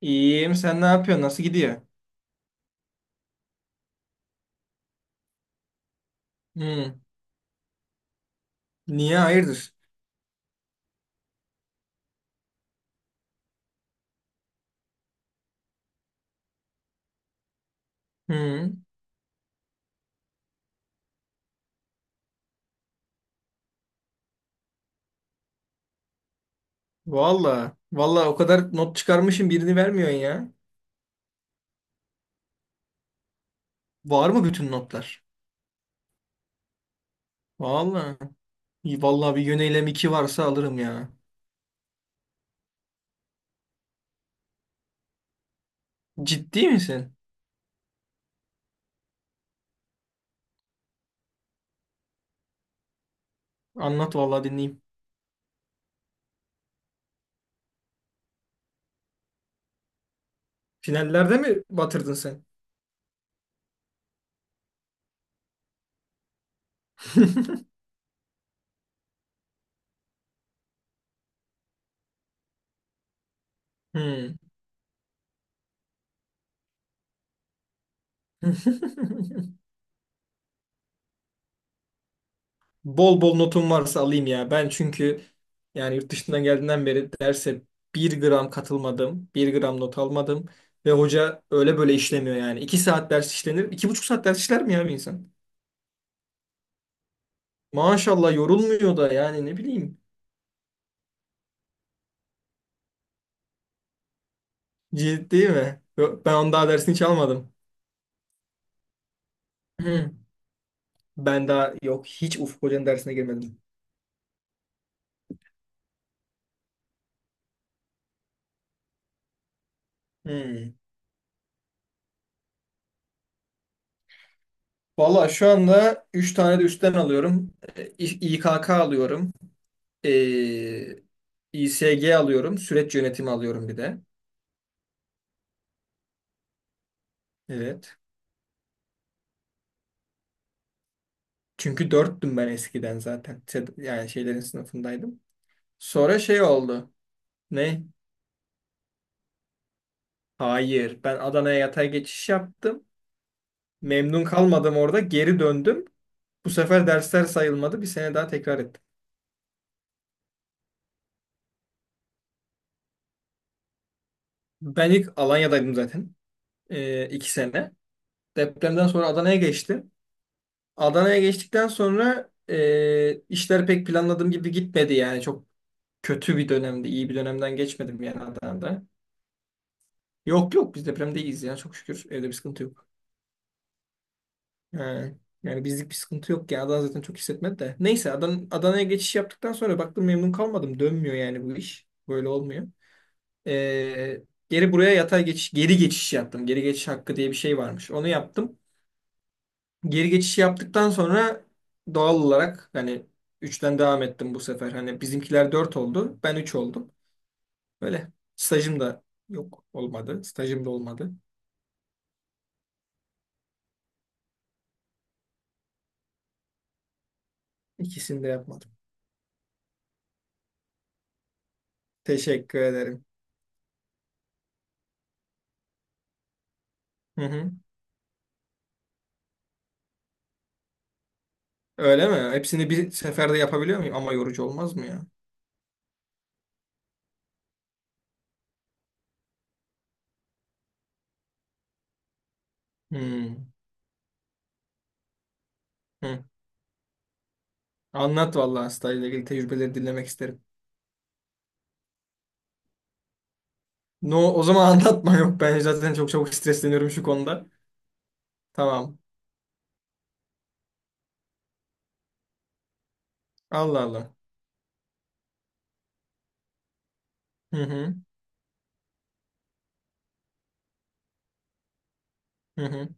İyiyim. Sen ne yapıyorsun? Nasıl gidiyor? Hmm. Niye? Hayırdır? Hmm. Valla. Valla, o kadar not çıkarmışım, birini vermiyorsun ya. Var mı bütün notlar? Valla. İyi, valla bir yöneylem iki varsa alırım ya. Ciddi misin? Anlat valla, dinleyeyim. Finallerde mi batırdın sen? Hmm. Bol bol notum varsa alayım ya. Ben çünkü yani yurt dışından geldiğinden beri derse bir gram katılmadım. Bir gram not almadım. Ve hoca öyle böyle işlemiyor yani. İki saat ders işlenir. İki buçuk saat ders işler mi ya bir insan? Maşallah, yorulmuyor da yani, ne bileyim. Ciddi mi? Ben onun daha dersini hiç almadım. Hı. Ben daha yok, hiç Ufuk Hoca'nın dersine girmedim. Hı. Valla şu anda 3 tane de üstten alıyorum. İKK alıyorum. Ee, İSG alıyorum. Süreç yönetimi alıyorum bir de. Evet. Çünkü dörttüm ben eskiden zaten. Yani şeylerin sınıfındaydım. Sonra şey oldu. Ne? Hayır. Ben Adana'ya yatay geçiş yaptım. Memnun kalmadım orada. Geri döndüm. Bu sefer dersler sayılmadı. Bir sene daha tekrar ettim. Ben ilk Alanya'daydım zaten. İki sene. Depremden sonra Adana'ya geçtim. Adana'ya geçtikten sonra işler pek planladığım gibi gitmedi yani. Çok kötü bir dönemde, iyi bir dönemden geçmedim yani Adana'da. Yok yok, biz depremde iyiyiz ya, çok şükür. Evde bir sıkıntı yok. Ee, yani bizlik bir sıkıntı yok yani, Adana zaten çok hissetmedi de. Neyse, Adana'ya geçiş yaptıktan sonra baktım, memnun kalmadım. Dönmüyor yani bu iş. Böyle olmuyor. Ee, geri buraya yatay geri geçiş yaptım. Geri geçiş hakkı diye bir şey varmış. Onu yaptım. Geri geçiş yaptıktan sonra doğal olarak hani üçten devam ettim bu sefer. Hani bizimkiler 4 oldu. Ben 3 oldum. Böyle. Stajım da yok olmadı. Stajım da olmadı. İkisini de yapmadım. Teşekkür ederim. Hı hı. Öyle mi? Hepsini bir seferde yapabiliyor muyum? Ama yorucu olmaz mı ya? Hmm. Hı. Anlat vallahi, stajla ilgili tecrübeleri dinlemek isterim. No, o zaman anlatma yok. Ben zaten çok çabuk stresleniyorum şu konuda. Tamam. Allah Allah. Hı hı. Hı hı.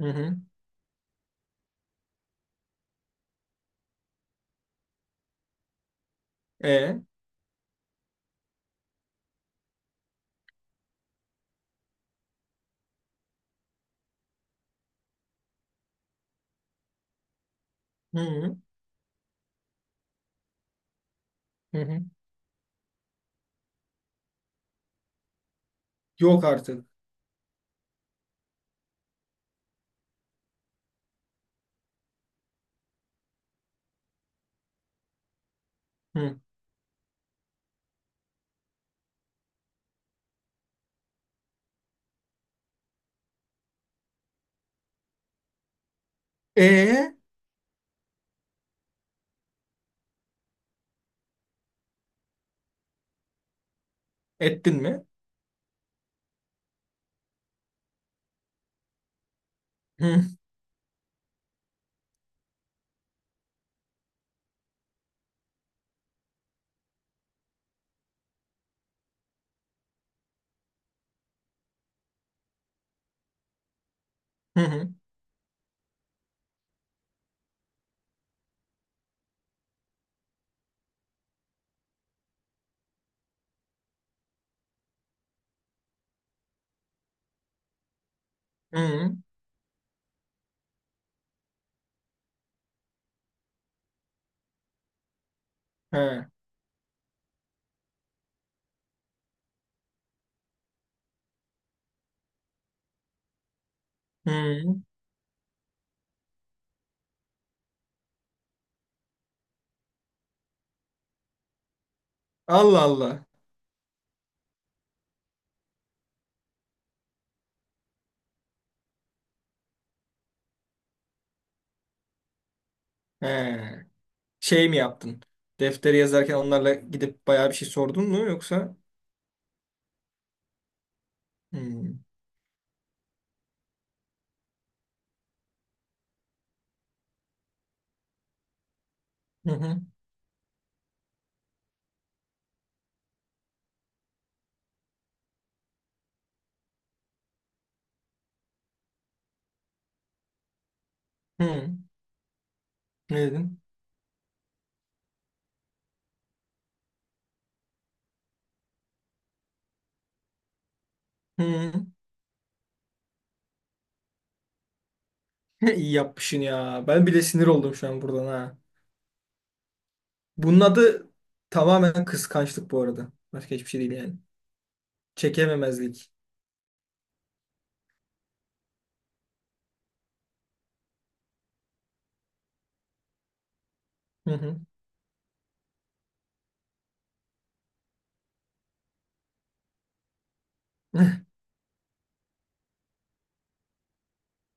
Hı hı. E. Hı hı. Hı hı. Yok artık. Hı. E. Ettin mi? Hı hı. Hı hı. Hı. He. Hı. Allah Allah. He. Şey mi yaptın? Defteri yazarken onlarla gidip bayağı bir şey sordun mu yoksa? Hmm. Hı hı. Hı. Ne dedin? Hı. İyi yapmışsın ya. Ben bile sinir oldum şu an buradan ha. Bunun adı tamamen kıskançlık bu arada. Başka hiçbir şey değil yani. Çekememezlik. Hı hı.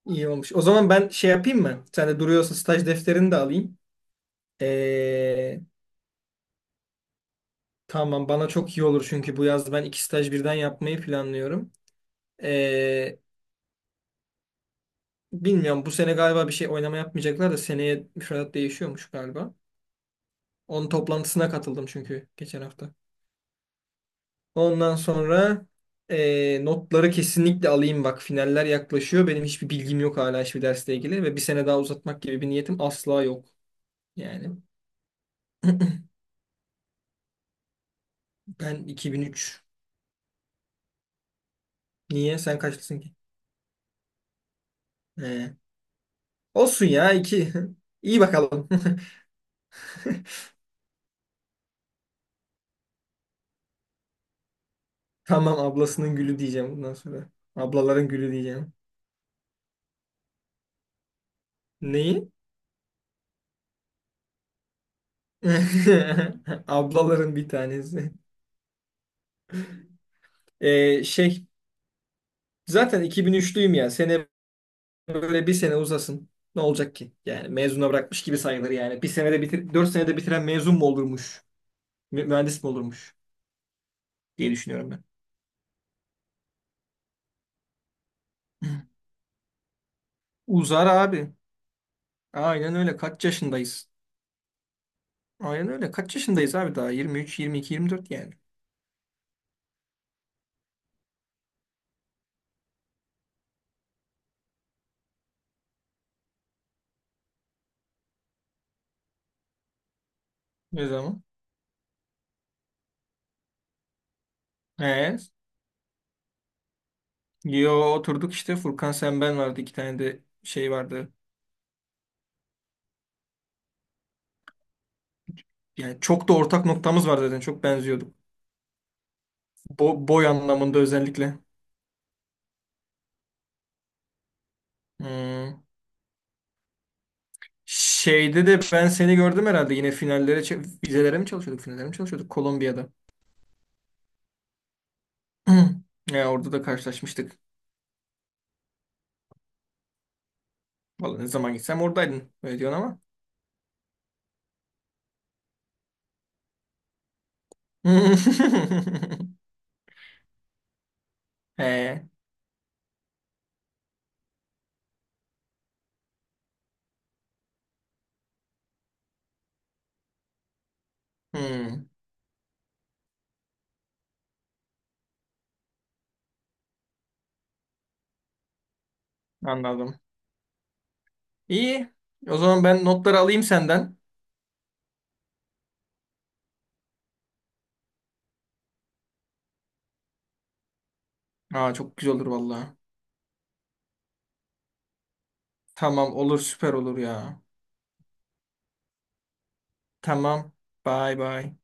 İyi olmuş. O zaman ben şey yapayım mı? Sen de duruyorsa staj defterini de alayım. Ee, tamam, bana çok iyi olur, çünkü bu yaz ben iki staj birden yapmayı planlıyorum. Ee, Bilmiyorum, bu sene galiba bir şey oynama yapmayacaklar da seneye müfredat değişiyormuş galiba. Onun toplantısına katıldım çünkü geçen hafta. Ondan sonra notları kesinlikle alayım, bak finaller yaklaşıyor. Benim hiçbir bilgim yok hala hiçbir dersle ilgili, ve bir sene daha uzatmak gibi bir niyetim asla yok. Yani ben 2003. Niye? Sen kaçlısın ki? He. Olsun ya, iki. İyi bakalım. Tamam, ablasının gülü diyeceğim bundan sonra. Ablaların gülü diyeceğim. Neyi? Ablaların bir tanesi. Ee, şey zaten 2003'lüyüm ya. Sene böyle bir sene uzasın. Ne olacak ki? Yani mezuna bırakmış gibi sayılır yani. Bir senede bitir, dört senede bitiren mezun mu olurmuş? Mühendis mi olurmuş? Diye düşünüyorum ben. Uzar abi. Aynen öyle. Kaç yaşındayız? Aynen öyle. Kaç yaşındayız abi daha? 23, 22, 24 yani. Ne zaman? He. Yo, oturduk işte. Furkan, sen, ben vardı. İki tane de şey vardı. Yani çok da ortak noktamız var zaten. Çok benziyorduk. Boy anlamında özellikle. Hmm. Şeyde de ben seni gördüm herhalde. Yine vizelere mi çalışıyorduk? Finallere mi çalışıyorduk? Kolombiya'da. Ya orada da karşılaşmıştık. Vallahi ne zaman gitsem oradaydın. Öyle diyorsun ama. He. Hmm. Anladım. İyi. O zaman ben notları alayım senden. Aa, çok güzel olur vallahi. Tamam, olur, süper olur ya. Tamam. Bye bye.